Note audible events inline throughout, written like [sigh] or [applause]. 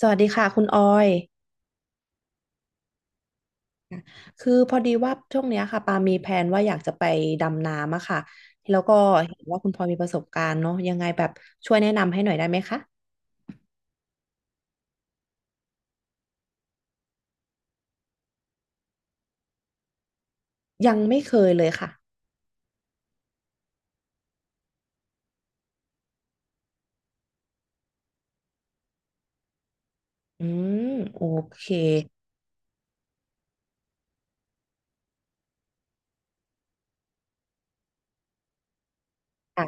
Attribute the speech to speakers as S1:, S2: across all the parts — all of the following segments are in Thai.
S1: สวัสดีค่ะคุณออยคือพอดีว่าช่วงเนี้ยค่ะปามีแผนว่าอยากจะไปดำน้ำอะค่ะแล้วก็เห็นว่าคุณพลอยมีประสบการณ์เนาะยังไงแบบช่วยแนะนำให้หน่อยได้ไหมคะยังไม่เคยเลยค่ะอืมโอเคค่ะ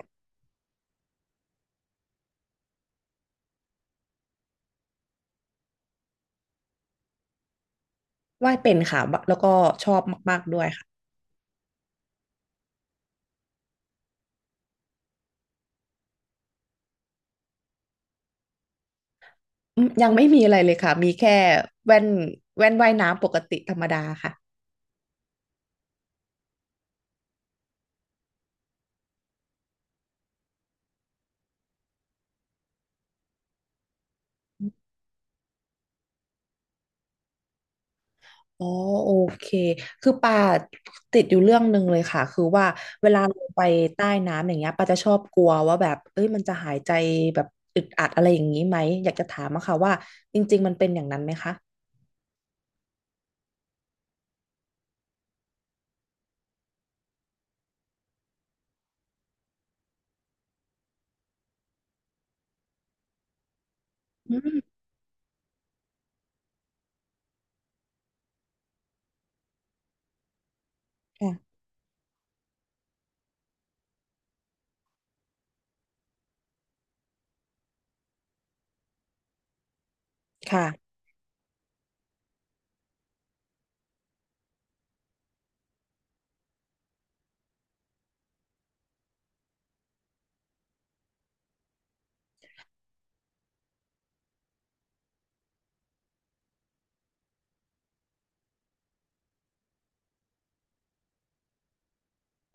S1: ว่ายเป็นค่ะแล้วก็ชอบมากๆด้วยค่ะอืมยังไม่มีอะไรเลยค่ะมีแค่แว่นแว่นว่ายน้ำปกติธรรมดาค่ะ อ๋อโอเคคือปาติดอยู่เรื่องหนึ่งเลยค่ะคือว่าเวลาลงไปใต้น้ำอย่างเงี้ยปาจะชอบกลัวว่าแบบเอ้ยมันจะหายใจแบบอึดอัดอะไรอย่างนี้ไหมอยากจะถามอะค่ะว่าจริงๆมันเป็นอย่างนั้นไหมคะอืมค่ะค่ะ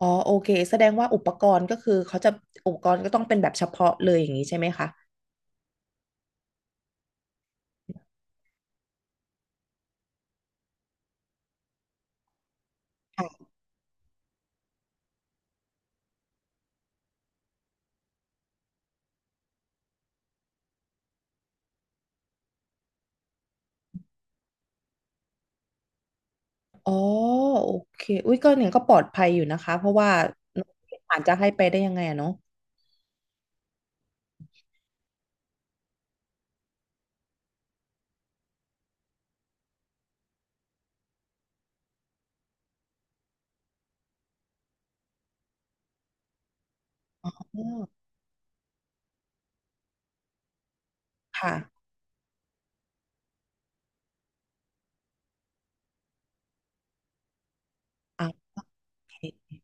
S1: อ๋อโอเคแสดงว่าอุปกรณ์ก็คือเขาจะอุปกรณ์ก็ต้องเป็นแบบเฉพาะเลยอย่างนี้ใช่ไหมคะอ๋อโอเคอุ้ยก็เนี่ยก็ปลอดภัยอยู่นะคะเพราะว่าอาจจะให้ไปได้ยังไงอะเนาะอ๋อค่ะอ่ะโอเค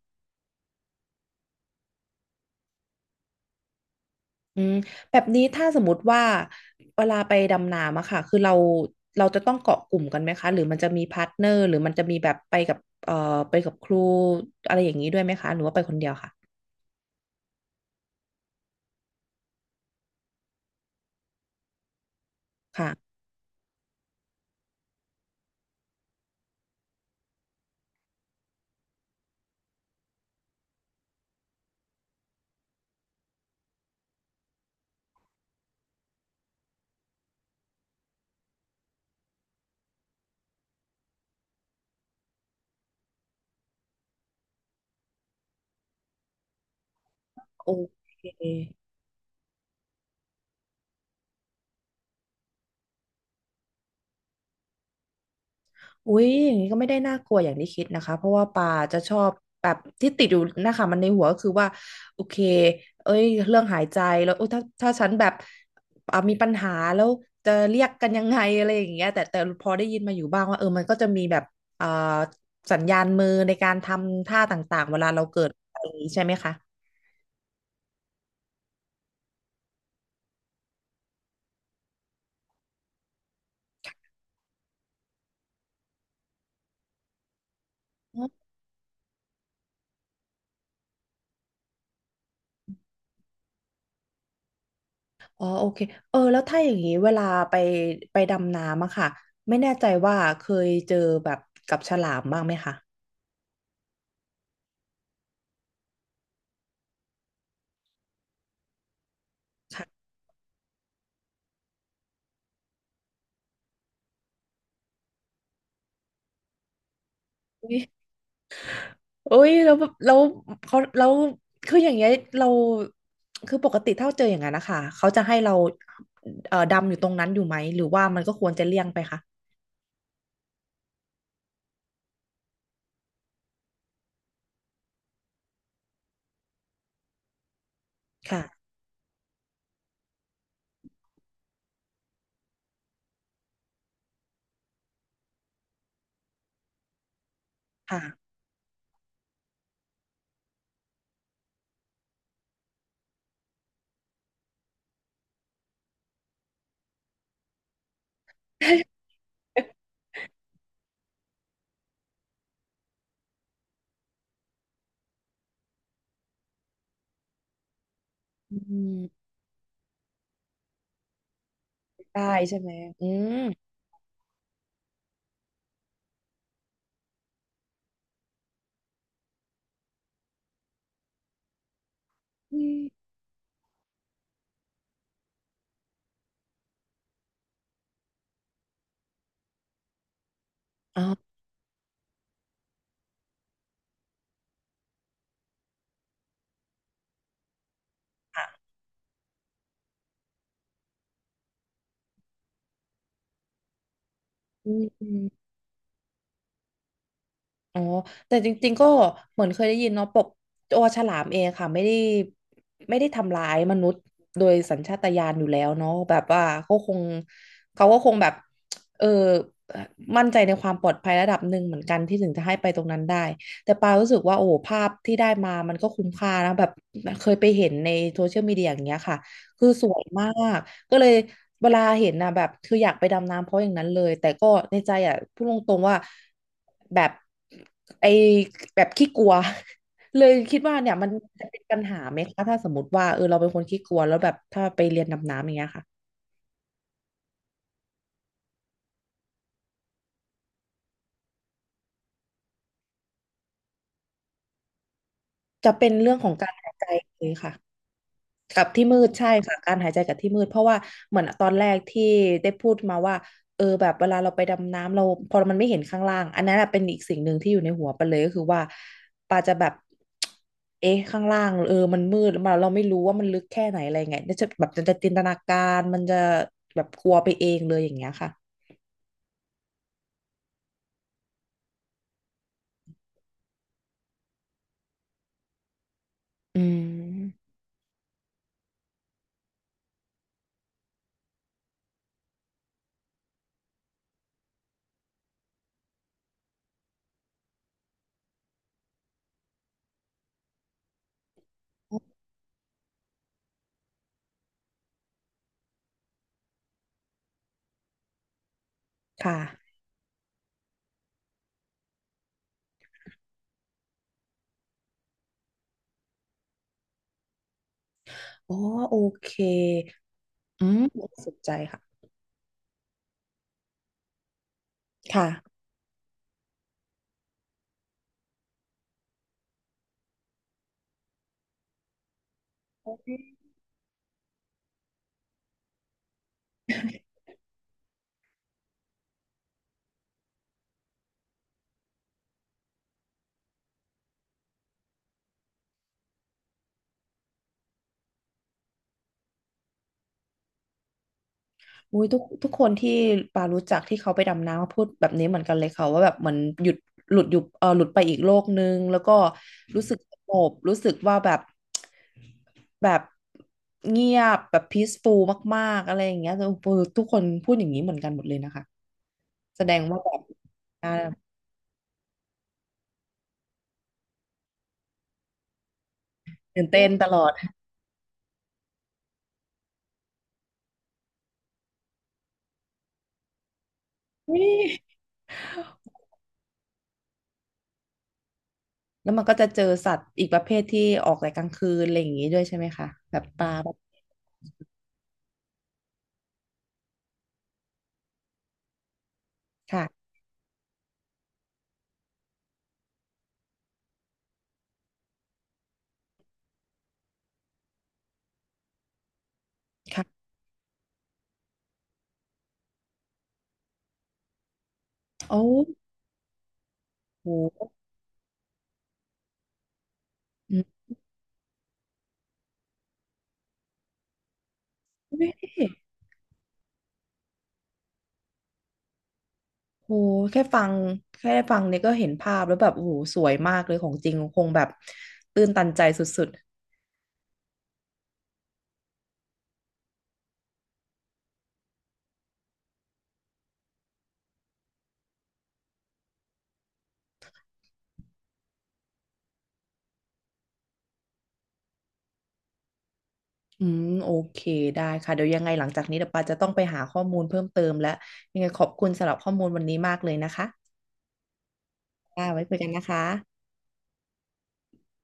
S1: อืมแบบนี้ถ้าสมมติว่าเวลาไปดำน้ำอะค่ะคือเราจะต้องเกาะกลุ่มกันไหมคะหรือมันจะมีพาร์ทเนอร์หรือมันจะมีแบบไปกับเอ่อไปกับครูอะไรอย่างนี้ด้วยไหมคะหรือว่าไปคนเดียวค่ะค่ะโอเค อุ้ยอย่างนี้ก็ไม่ได้น่ากลัวอย่างที่คิดนะคะเพราะว่าปาจะชอบแบบที่ติดอยู่นะคะมันในหัวก็คือว่าโอเคเอ้ยเรื่องหายใจแล้วอุ๊ยถ้าฉันแบบอ่ะมีปัญหาแล้วจะเรียกกันยังไงอะไรอย่างเงี้ยแต่พอได้ยินมาอยู่บ้างว่าเออมันก็จะมีแบบอ่าสัญญาณมือในการทำท่าต่างๆเวลาเราเกิดอะไรอย่างนี้ใช่ไหมคะอ๋อโอเคเออแล้วถ้าอย่างนี้เวลาไปไปดำน้ำอะค่ะไม่แน่ใจว่าเคยเจอแบบกับฉลามบ้างไหมคะค่ะ โอ้ยแล้วแบบแล้วเขาแล้วคืออย่างเงี้ยเราคือปกติถ้าเจออย่างนั้นนะคะเขาจะให้เราดำอยู่ตรงนั้นอยู่ไหมหรือว่ามันก็ควรจะเลี่ยงไปคะค่ะค่ะอืมได้ใช่ไหมอืมอืมอ๋อค่ะอืม อ๋อแต่จริงๆก็เหมือนเคยได้ยินเนาะปกตัวฉลามเองค่ะไม่ได้ทำร้ายมนุษย์โดยสัญชาตญาณอยู่แล้วเนาะแบบว่าเขาคงเขาก็คงแบบเออมั่นใจในความปลอดภัยระดับหนึ่งเหมือนกันที่ถึงจะให้ไปตรงนั้นได้แต่ปารู้สึกว่าโอ้โหภาพที่ได้มามันก็คุ้มค่านะแบบเคยไปเห็นในโซเชียลมีเดียอย่างเงี้ยค่ะคือสวยมาก ก็เลยเวลาเห็นนะแบบคืออยากไปดำน้ำเพราะอย่างนั้นเลยแต่ก็ในใจอ่ะพูดตรงๆว่าแบบไอแบบขี้กลัว [laughs] เลยคิดว่าเนี่ยมันจะเป็นปัญหาไหมคะถ้าสมมติว่าเออเราเป็นคนขี้กลัวแล้วแบบถ้าไปเรียนดำน้ำอย่างเงี้ยค่ะจะเป็นเรื่องของการหายใจเลยค่ะ กับที่มืดใช่ค่ะการหายใจกับที่มืดเพราะว่าเหมือนตอนแรกที่ได้พูดมาว่าเออแบบเวลาเราไปดำน้ำเราพอมันไม่เห็นข้างล่างอันนั้นอะเป็นอีกสิ่งหนึ่งที่อยู่ในหัวไปาเลยก็คือว่าปาจะแบบเอ๊ะข้างล่างเออมันมืดมาเราไม่รู้ว่ามันลึกแค่ไหนอะไรไงเนี่ยจะแบบจะจินตนาการมันจะแบบกลัวไปเองเลยอย่างเงี้ยค่ะอืมค่ะอ๋อโอเคอืม่าสนใจค่ะค่ะ อุ้ยทุกคนที่ปารู้จักที่เขาไปดำน้ำพูดแบบนี้เหมือนกันเลยค่ะว่าแบบเหมือนหยุดหลุดอยู่เออหลุดไปอีกโลกนึงแล้วก็รู้สึกสงบรู้สึกว่าแบบแบบเงียบแบบ peaceful มากๆอะไรอย่างเงี้ยเออทุกคนพูดอย่างนี้เหมือนกันหมดเลยนะคะแสดงว่าแบบอ่าตื่นเต้นตลอดอุ๊ยแล้วมันก็จะเจอสัตว์อีกประเภทที่ออกแต่กลางคืนอะไรอย่างนี้ด้วยใช่ไหมคะแบบปลาแบบค่ะค่ะโอ้โหอืม โหแค่ฟังแค่ได้ฟังเนี่ยก็เห็นภาพแล้วแบบโอ้โหสวยมากเลยของจริงคงแบบตื้นตันใจสุดๆอืมโอเคได้ค่ะเดี๋ยวยังไงหลังจากนี้เดี๋ยวปาจะต้องไปหาข้อมูลเพิ่มเติมและยังไงขอบคุณสำหรับข้อมูลวันนี้มากเลยนะคะค่ะไว้คุยกันนะคะ